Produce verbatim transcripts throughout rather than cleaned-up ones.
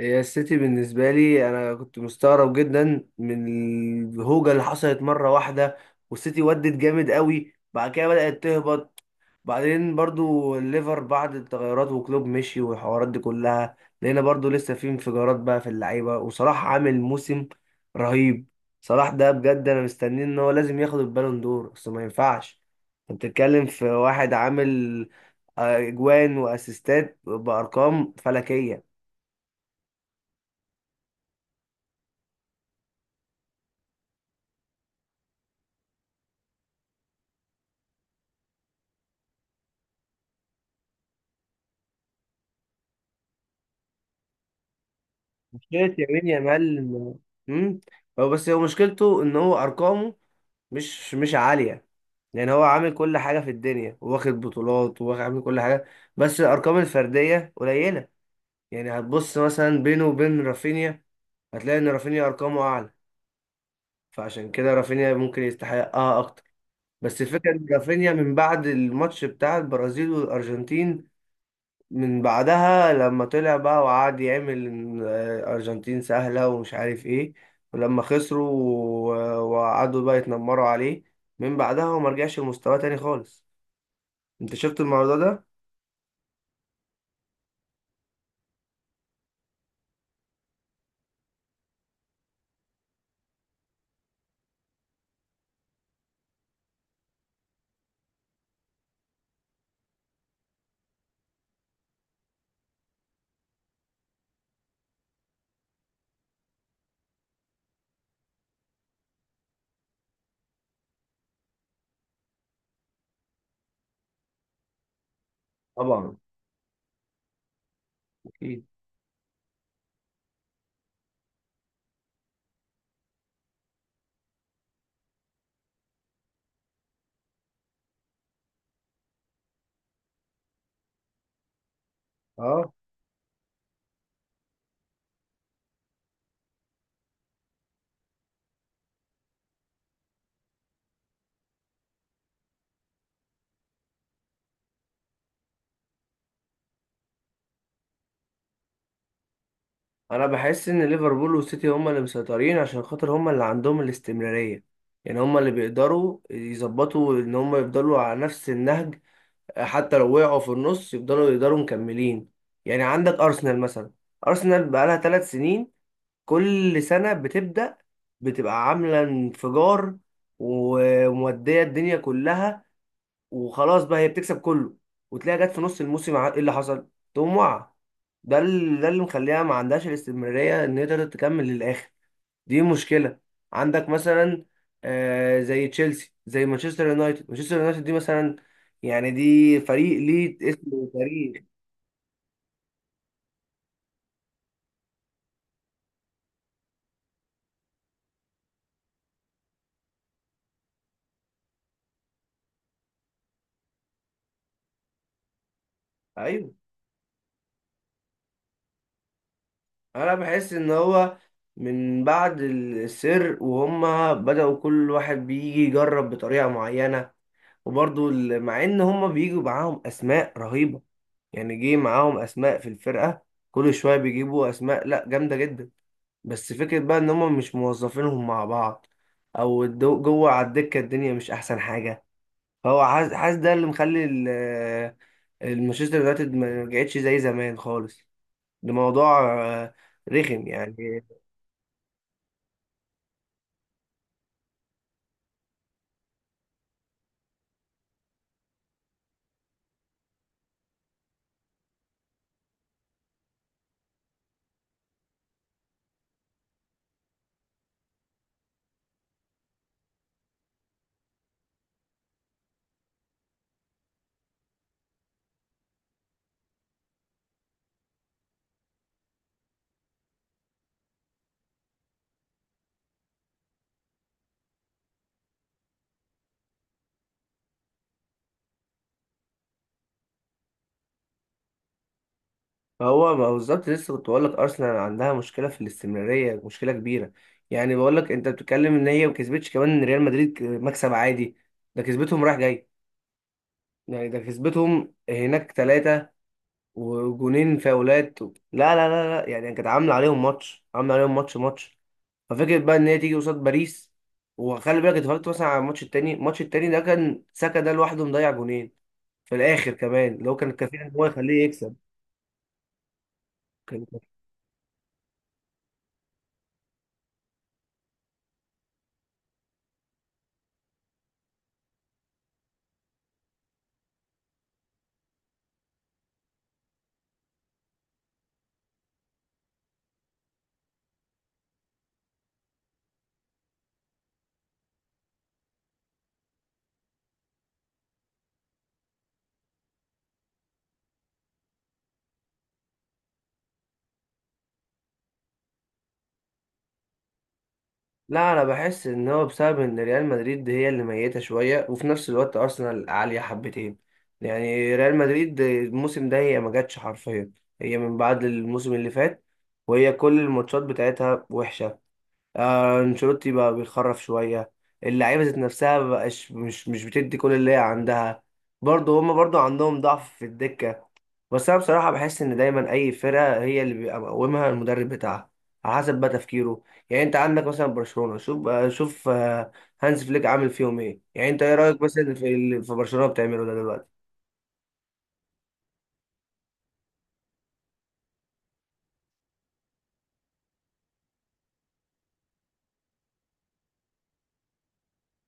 هي السيتي بالنسبة لي أنا كنت مستغرب جدا من الهوجة اللي حصلت مرة واحدة، والسيتي ودت جامد قوي. بعد كده بدأت تهبط. بعدين برضو الليفر بعد التغيرات وكلوب مشي والحوارات دي كلها، لقينا برضو لسه في انفجارات بقى في اللعيبة، وصلاح عامل موسم رهيب. صلاح ده بجد أنا مستنيه إن هو لازم ياخد البالون دور. أصل ما ينفعش أنت بتتكلم في واحد عامل آه، أجوان وأسيستات بأرقام فلكية. مشكلة يمين يامال إنه- مم. هو بس هو مشكلته ان هو ارقامه مش مش عالية. يعني هو عامل كل حاجة في الدنيا، واخد بطولات وعامل كل حاجة، بس الارقام الفردية قليلة. يعني هتبص مثلا بينه وبين رافينيا، هتلاقي ان رافينيا ارقامه اعلى، فعشان كده رافينيا ممكن يستحقها اكتر. بس الفكرة ان رافينيا من بعد الماتش بتاع البرازيل والارجنتين، من بعدها لما طلع بقى وقعد يعمل إن أرجنتين سهلة ومش عارف إيه، ولما خسروا و- وقعدوا بقى يتنمروا عليه، من بعدها هو مرجعش لمستواه تاني خالص. أنت شفت الموضوع ده؟ طبعا. أكيد. أه. أنا بحس إن ليفربول والسيتي هما اللي مسيطرين عشان خاطر هما اللي عندهم الاستمرارية. يعني هما اللي بيقدروا يظبطوا إن هما يفضلوا على نفس النهج، حتى لو وقعوا في النص يفضلوا يقدروا مكملين. يعني عندك ارسنال مثلا، ارسنال بقالها ثلاث سنين، كل سنه بتبدا، بتبقى عامله انفجار وموديه الدنيا كلها، وخلاص بقى هي بتكسب كله، وتلاقيها جت في نص الموسم ع- ايه اللي حصل؟ تقوم واقعه. ده ال- ده اللي مخليها ما عندهاش الاستمراريه ان هي تقدر تكمل للاخر. دي مشكلة. عندك مثلا آه، زي تشيلسي زي مانشستر يونايتد. مانشستر يونايتد دي مثلا، يعني دي فريق ليه اسم وتاريخ. ايوه، انا بحس ان هو من بعد السر وهم بدأوا كل واحد بيجي يجرب بطريقة معينة. وبرضو ال- مع ان هم بيجوا معاهم اسماء رهيبة، يعني جه معاهم اسماء في الفرقة، كل شوية بيجيبوا اسماء لا جامدة جدا، بس فكرة بقى ان هم مش موظفينهم مع بعض، او الدو- جوه على الدكة الدنيا مش احسن حاجة. فهو حاسس، حاسس ده اللي مخلي ال- المانشستر يونايتد ما رجعتش زي زمان خالص. ده موضوع آه، رخم يعني. فهو ما هو بالظبط لسه كنت بقول لك، ارسنال عندها مشكلة في الاستمرارية، مشكلة كبيرة. يعني بقول لك انت بتتكلم ان هي ما كسبتش كمان ريال مدريد ك- مكسب عادي، ده كسبتهم رايح جاي. يعني ده كسبتهم هناك ثلاثة وجونين فاولات و... لا لا لا لا، يعني كانت عامله عليهم ماتش، عامله عليهم ماتش ماتش. ففكرة بقى ان هي تيجي قصاد باريس. وخلي بالك اتفرجت مثلا على الماتش التاني، الماتش التاني ده كان ساكا ده لوحده مضيع جونين في الاخر كمان، اللي هو كان كفيل ان هو يخليه يكسب. كان لا، انا بحس ان هو بسبب ان ريال مدريد هي اللي ميته شويه، وفي نفس الوقت ارسنال عاليه حبتين. يعني ريال مدريد الموسم ده هي ما جاتش حرفيا، هي من بعد الموسم اللي فات وهي كل الماتشات بتاعتها وحشه. آه، انشيلوتي بقى بيخرف شويه، اللعيبه ذات نفسها مبقاش مش مش بتدي كل اللي هي عندها. برضه هما برضه عندهم ضعف في الدكه. بس انا بصراحه بحس ان دايما اي فرقه هي اللي بيبقى مقومها المدرب بتاعها، على حسب بقى تفكيره. يعني انت عندك مثلا برشلونه، شوف آه، شوف آه، هانز فليك عامل فيهم ايه. يعني انت ايه رايك مثلا في اللي في برشلونه بتعمله ده دلوقتي؟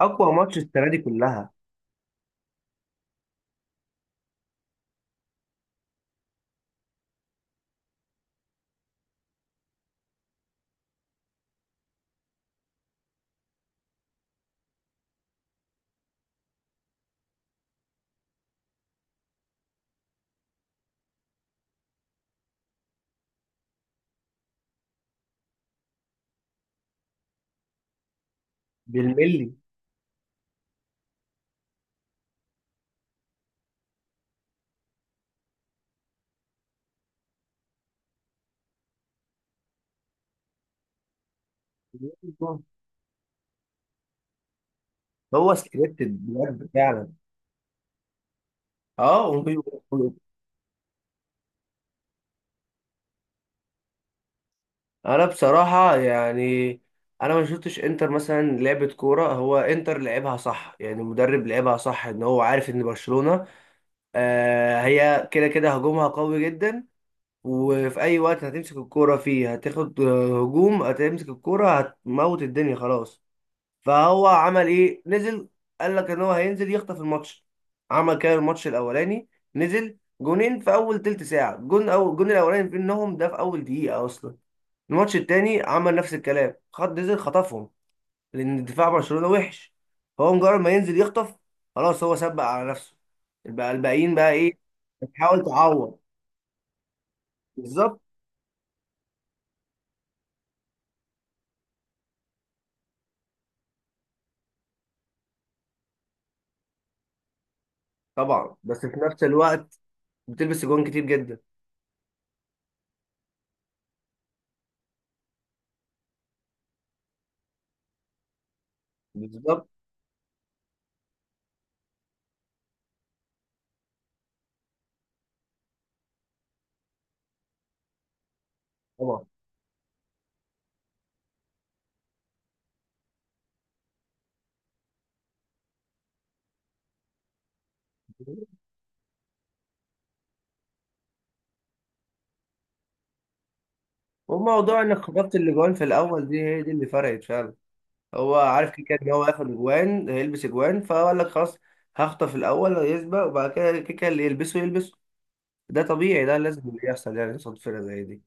اقوى ماتش السنه دي كلها. بالملي. هو سكريبتد بجد فعلا. اه. انا بصراحه يعني انا ما شفتش انتر مثلا لعبه كوره. هو انتر لعبها صح، يعني المدرب لعبها صح، ان هو عارف ان برشلونه آه هي كده كده هجومها قوي جدا، وفي اي وقت هتمسك الكوره فيه هتاخد آه، هجوم. هتمسك الكوره هتموت الدنيا خلاص. فهو عمل ايه، نزل. قال لك ان هو هينزل يخطف الماتش، عمل كده الماتش الاولاني، نزل جونين في اول تلت ساعه. جون او الجون الاولاني في انهم ده في اول دقيقه اصلا. الماتش التاني عمل نفس الكلام، خد نزل خطفهم، لان دفاع برشلونة وحش. فهو مجرد ما ينزل يخطف خلاص، هو سبق على نفسه. البقى الباقيين بقى ايه. بتحاول تعوض. بالظبط. طبعا، بس في نفس الوقت بتلبس جوان كتير جدا. بالظبط. طبعا. وموضوع انك خطفت الاجوان في الاول دي هي دي اللي فرقت فعلا. هو عارف كده كده ان هو هياخد اجوان، هيلبس اجوان، فقال لك خلاص هخطف الاول يسبق، وبعد كده كده كده اللي يلبسه يلبسه. ده طبيعي، ده لازم اللي يحصل يعني قصاد فرقه زي دي.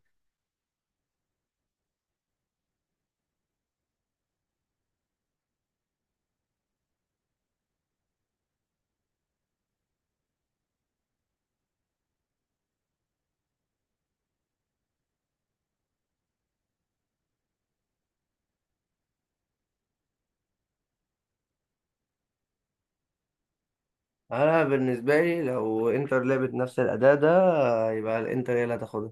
انا بالنسبه لي لو انتر لعبت نفس الاداء ده، يبقى الانتر هي اللي هتاخدها.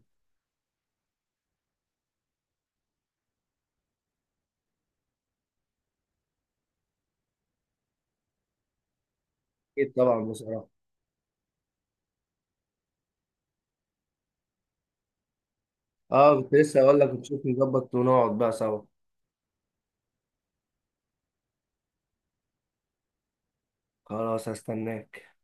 اكيد طبعا بصراحه. اه، كنت لسه اقول لك نشوف نظبط ونقعد بقى سوا. خلاص، هستناك.